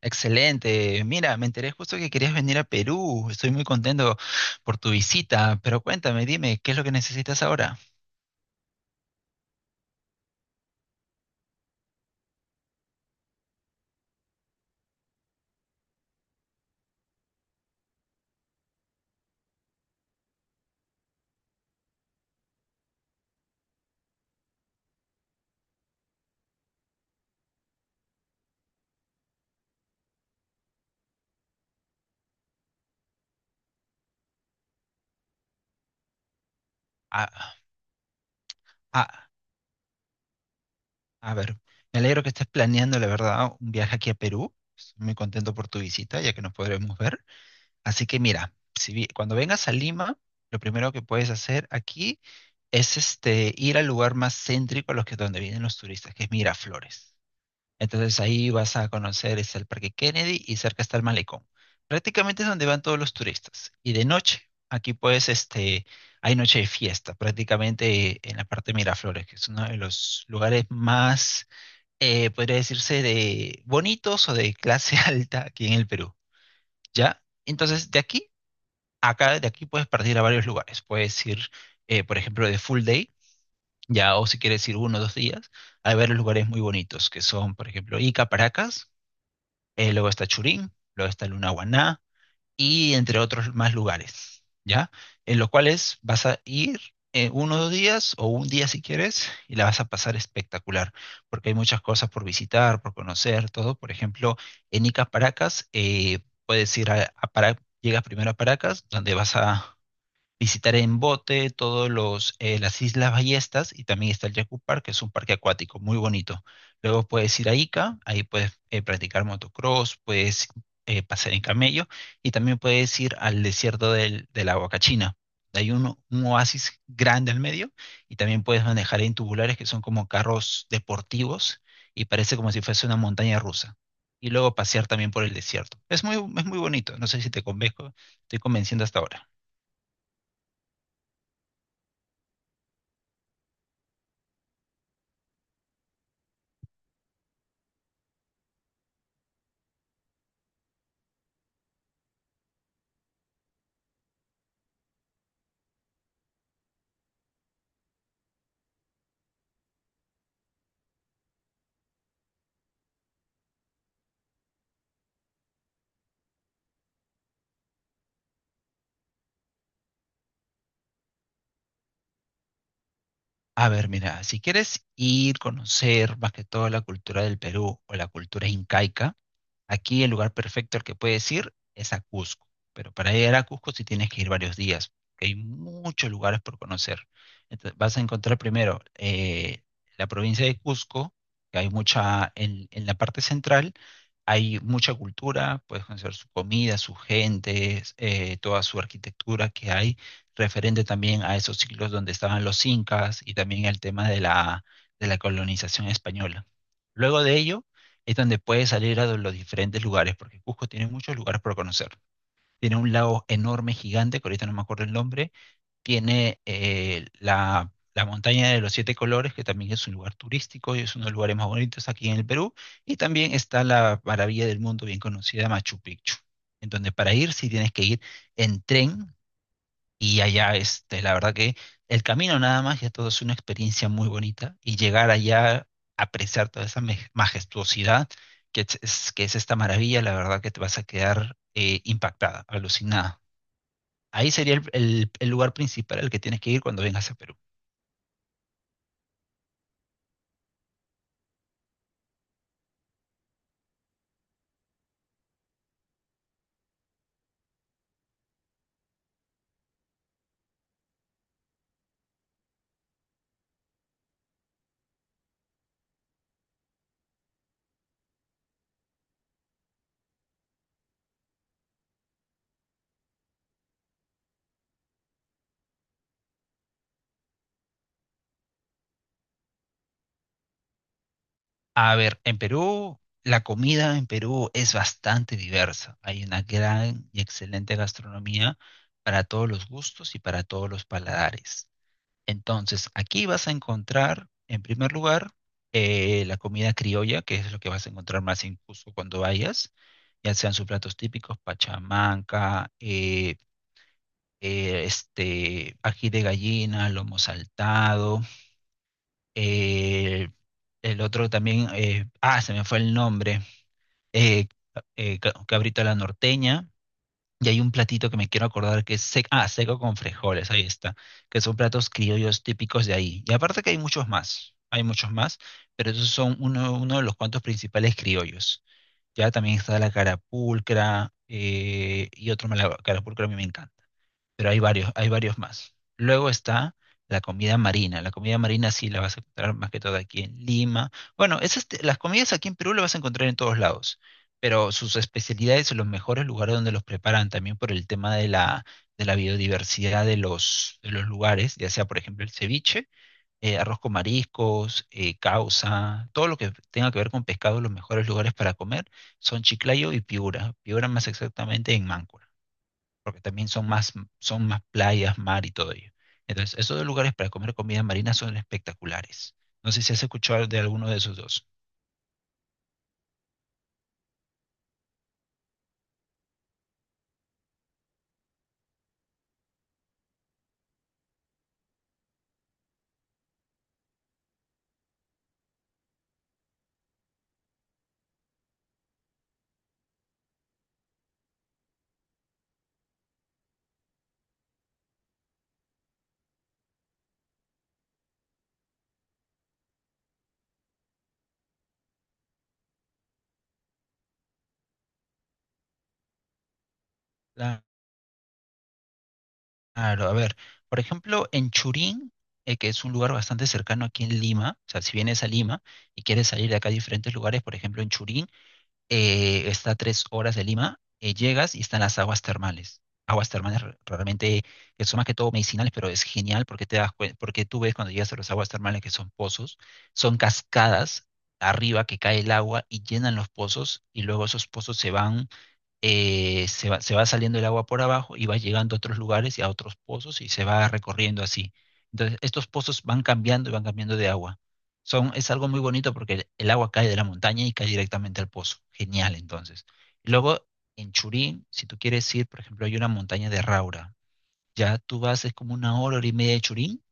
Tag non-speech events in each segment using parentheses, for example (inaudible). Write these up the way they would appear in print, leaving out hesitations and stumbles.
Excelente. Mira, me enteré justo que querías venir a Perú. Estoy muy contento por tu visita, pero cuéntame, dime, ¿qué es lo que necesitas ahora? Ah, ah, a ver, me alegro que estés planeando, la verdad, un viaje aquí a Perú. Estoy muy contento por tu visita, ya que nos podremos ver. Así que mira, si, vi- cuando vengas a Lima, lo primero que puedes hacer aquí es ir al lugar más céntrico a los que donde vienen los turistas, que es Miraflores. Entonces ahí vas a conocer, es el Parque Kennedy y cerca está el Malecón. Prácticamente es donde van todos los turistas. Y de noche, aquí pues hay noche de fiesta, prácticamente en la parte de Miraflores, que es uno de los lugares más, podría decirse, de bonitos o de clase (laughs) alta aquí en el Perú. ¿Ya? Entonces, de aquí puedes partir a varios lugares. Puedes ir, por ejemplo, de full day, ya, o si quieres ir 1 o 2 días, hay varios lugares muy bonitos, que son, por ejemplo, Ica, Paracas, luego está Churín, luego está Lunahuaná y entre otros más lugares, ¿ya? En los cuales vas a ir 1 o 2 días o un día si quieres, y la vas a pasar espectacular, porque hay muchas cosas por visitar, por conocer, todo. Por ejemplo, en Ica Paracas, puedes ir a Para- llegas primero a Paracas, donde visitaré en bote todos los las Islas Ballestas, y también está el Yaku Park, que es un parque acuático muy bonito. Luego puedes ir a Ica, ahí puedes practicar motocross, puedes pasear en camello, y también puedes ir al desierto de la Huacachina. Hay un oasis grande al medio, y también puedes manejar en tubulares, que son como carros deportivos, y parece como si fuese una montaña rusa. Y luego pasear también por el desierto. Es muy bonito, no sé si te convenzo, estoy convenciendo hasta ahora. A ver, mira, si quieres ir, conocer más que todo la cultura del Perú o la cultura incaica, aquí el lugar perfecto al que puedes ir es a Cusco, pero para llegar a Cusco sí tienes que ir varios días, porque hay muchos lugares por conocer. Entonces, vas a encontrar primero la provincia de Cusco, que en la parte central hay mucha cultura, puedes conocer su comida, su gente, toda su arquitectura que hay, referente también a esos siglos donde estaban los incas, y también el tema de la colonización española. Luego de ello es donde puedes salir a los diferentes lugares, porque Cusco tiene muchos lugares por conocer. Tiene un lago enorme, gigante, que ahorita no me acuerdo el nombre. Tiene la montaña de los siete colores, que también es un lugar turístico y es uno de los lugares más bonitos aquí en el Perú. Y también está la maravilla del mundo bien conocida, Machu Picchu, en donde para ir sí tienes que ir en tren, y allá, la verdad que el camino nada más ya todo es una experiencia muy bonita, y llegar allá, apreciar toda esa majestuosidad que es esta maravilla, la verdad que te vas a quedar impactada, alucinada. Ahí sería el lugar principal al que tienes que ir cuando vengas a Perú. A ver, en Perú, la comida en Perú es bastante diversa. Hay una gran y excelente gastronomía para todos los gustos y para todos los paladares. Entonces, aquí vas a encontrar, en primer lugar, la comida criolla, que es lo que vas a encontrar más incluso cuando vayas, ya sean sus platos típicos, pachamanca, ají de gallina, lomo saltado, eh, el otro también, se me fue el nombre, eh, cabrito a la norteña, y hay un platito que me quiero acordar que es seco con frijoles, ahí está, que son platos criollos típicos de ahí. Y aparte que hay muchos más, pero esos son uno de los cuantos principales criollos. Ya también está la carapulcra, y otro más, la carapulcra a mí me encanta, pero hay varios más. Luego está la comida marina. La comida marina sí la vas a encontrar más que todo aquí en Lima. Bueno, las comidas aquí en Perú las vas a encontrar en todos lados, pero sus especialidades y los mejores lugares donde los preparan, también por el tema de la biodiversidad de los lugares, ya sea por ejemplo el ceviche, arroz con mariscos, causa, todo lo que tenga que ver con pescado, los mejores lugares para comer son Chiclayo y Piura. Piura más exactamente en Máncora, porque también son más playas, mar y todo ello. Entonces, esos dos lugares para comer comida marina son espectaculares. No sé si has escuchado de alguno de esos dos. Claro, a ver, por ejemplo, en Churín, que es un lugar bastante cercano aquí en Lima, o sea, si vienes a Lima y quieres salir de acá a diferentes lugares, por ejemplo, en Churín, está a 3 horas de Lima, llegas y están las aguas termales. Aguas termales realmente que son más que todo medicinales, pero es genial porque te das cuen- porque tú ves cuando llegas a las aguas termales que son pozos, son cascadas arriba que cae el agua y llenan los pozos, y luego esos pozos se va saliendo el agua por abajo y va llegando a otros lugares y a otros pozos, y se va recorriendo así. Entonces, estos pozos van cambiando y van cambiando de agua. Es algo muy bonito porque el agua cae de la montaña y cae directamente al pozo. Genial, entonces. Luego, en Churín, si tú quieres ir, por ejemplo, hay una montaña de Raura. Ya tú vas, es como 1 hora, hora y media de Churín,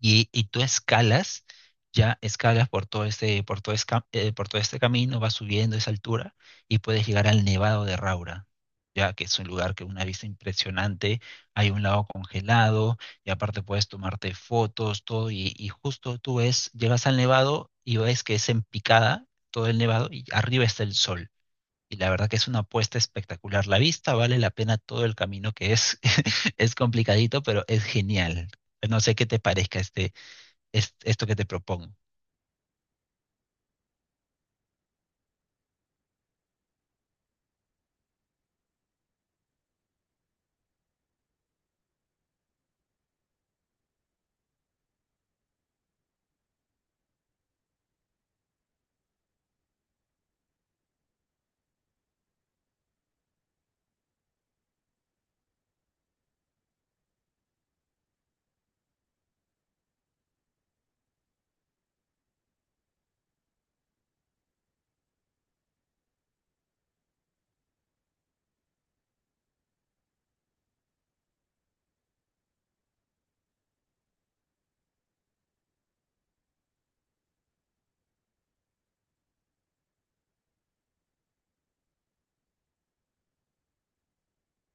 y tú escalas, ya escalas por todo este, por todo esca- por todo este camino, vas subiendo esa altura, y puedes llegar al Nevado de Raura, ya que es un lugar que una vista impresionante, hay un lago congelado, y aparte puedes tomarte fotos, todo, y justo tú ves, llegas al Nevado y ves que es en picada todo el Nevado, y arriba está el sol. Y la verdad que es una apuesta espectacular. La vista vale la pena todo el camino que es, (laughs) es complicadito, pero es genial. No sé qué te parezca esto que te propongo.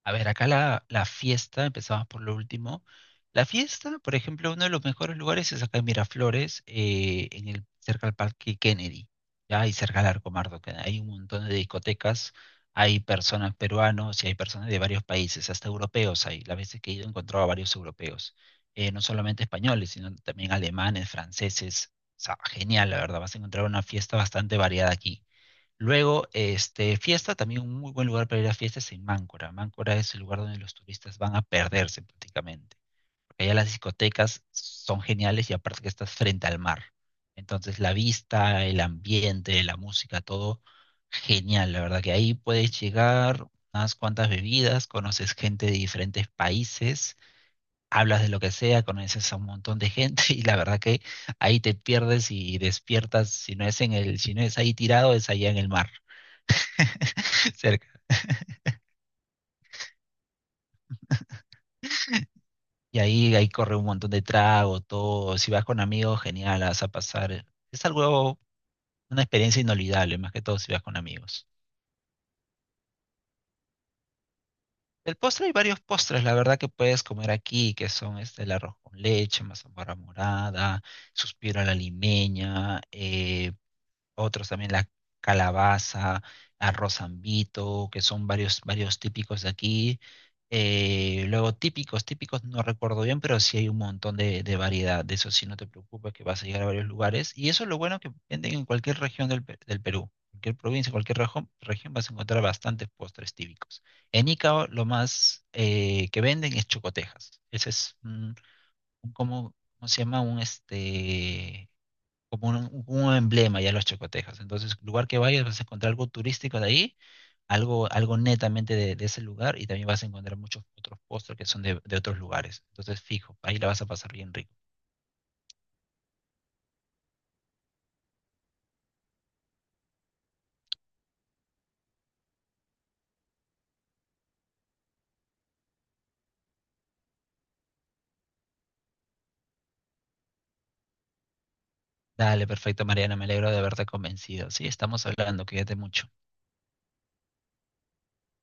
A ver, acá la fiesta, empezamos por lo último. La fiesta, por ejemplo, uno de los mejores lugares es acá en Miraflores, cerca al Parque Kennedy, ¿ya? Y cerca al Arco Mardo, que hay un montón de discotecas, hay personas peruanos y hay personas de varios países, hasta europeos hay. Las veces que he ido he encontrado a varios europeos, no solamente españoles, sino también alemanes, franceses. O sea, genial, la verdad, vas a encontrar una fiesta bastante variada aquí. Luego, fiesta, también un muy buen lugar para ir a fiestas en Máncora. Máncora es el lugar donde los turistas van a perderse prácticamente, porque allá las discotecas son geniales, y aparte que estás frente al mar. Entonces, la vista, el ambiente, la música, todo genial. La verdad que ahí puedes llegar unas cuantas bebidas, conoces gente de diferentes países, hablas de lo que sea, conoces a un montón de gente (laughs) y la verdad que ahí te pierdes y despiertas, si no es ahí tirado, es allá en el mar. (laughs) Cerca. Y ahí corre un montón de trago, todo. Si vas con amigos, genial, la vas a pasar. Es algo, una experiencia inolvidable, más que todo si vas con amigos. El postre, hay varios postres, la verdad, que puedes comer aquí, que son el arroz con leche, mazamorra morada, suspiro a la limeña, otros también la calabaza, arroz ambito, que son varios, varios típicos de aquí. Luego típicos, no recuerdo bien, pero sí hay un montón de variedad. De eso sí no te preocupes que vas a llegar a varios lugares. Y eso es lo bueno que venden en cualquier región del Perú. Cualquier provincia, cualquier región vas a encontrar bastantes postres típicos. En Icao lo más que venden es chocotejas. Ese es un como, ¿cómo se llama? Un como un emblema ya los chacotejos. Entonces, lugar que vayas vas a encontrar algo turístico de ahí, algo netamente de ese lugar, y también vas a encontrar muchos otros postres que son de otros lugares. Entonces, fijo, ahí la vas a pasar bien rico. Dale, perfecto, Mariana, me alegro de haberte convencido. Sí, estamos hablando, cuídate mucho.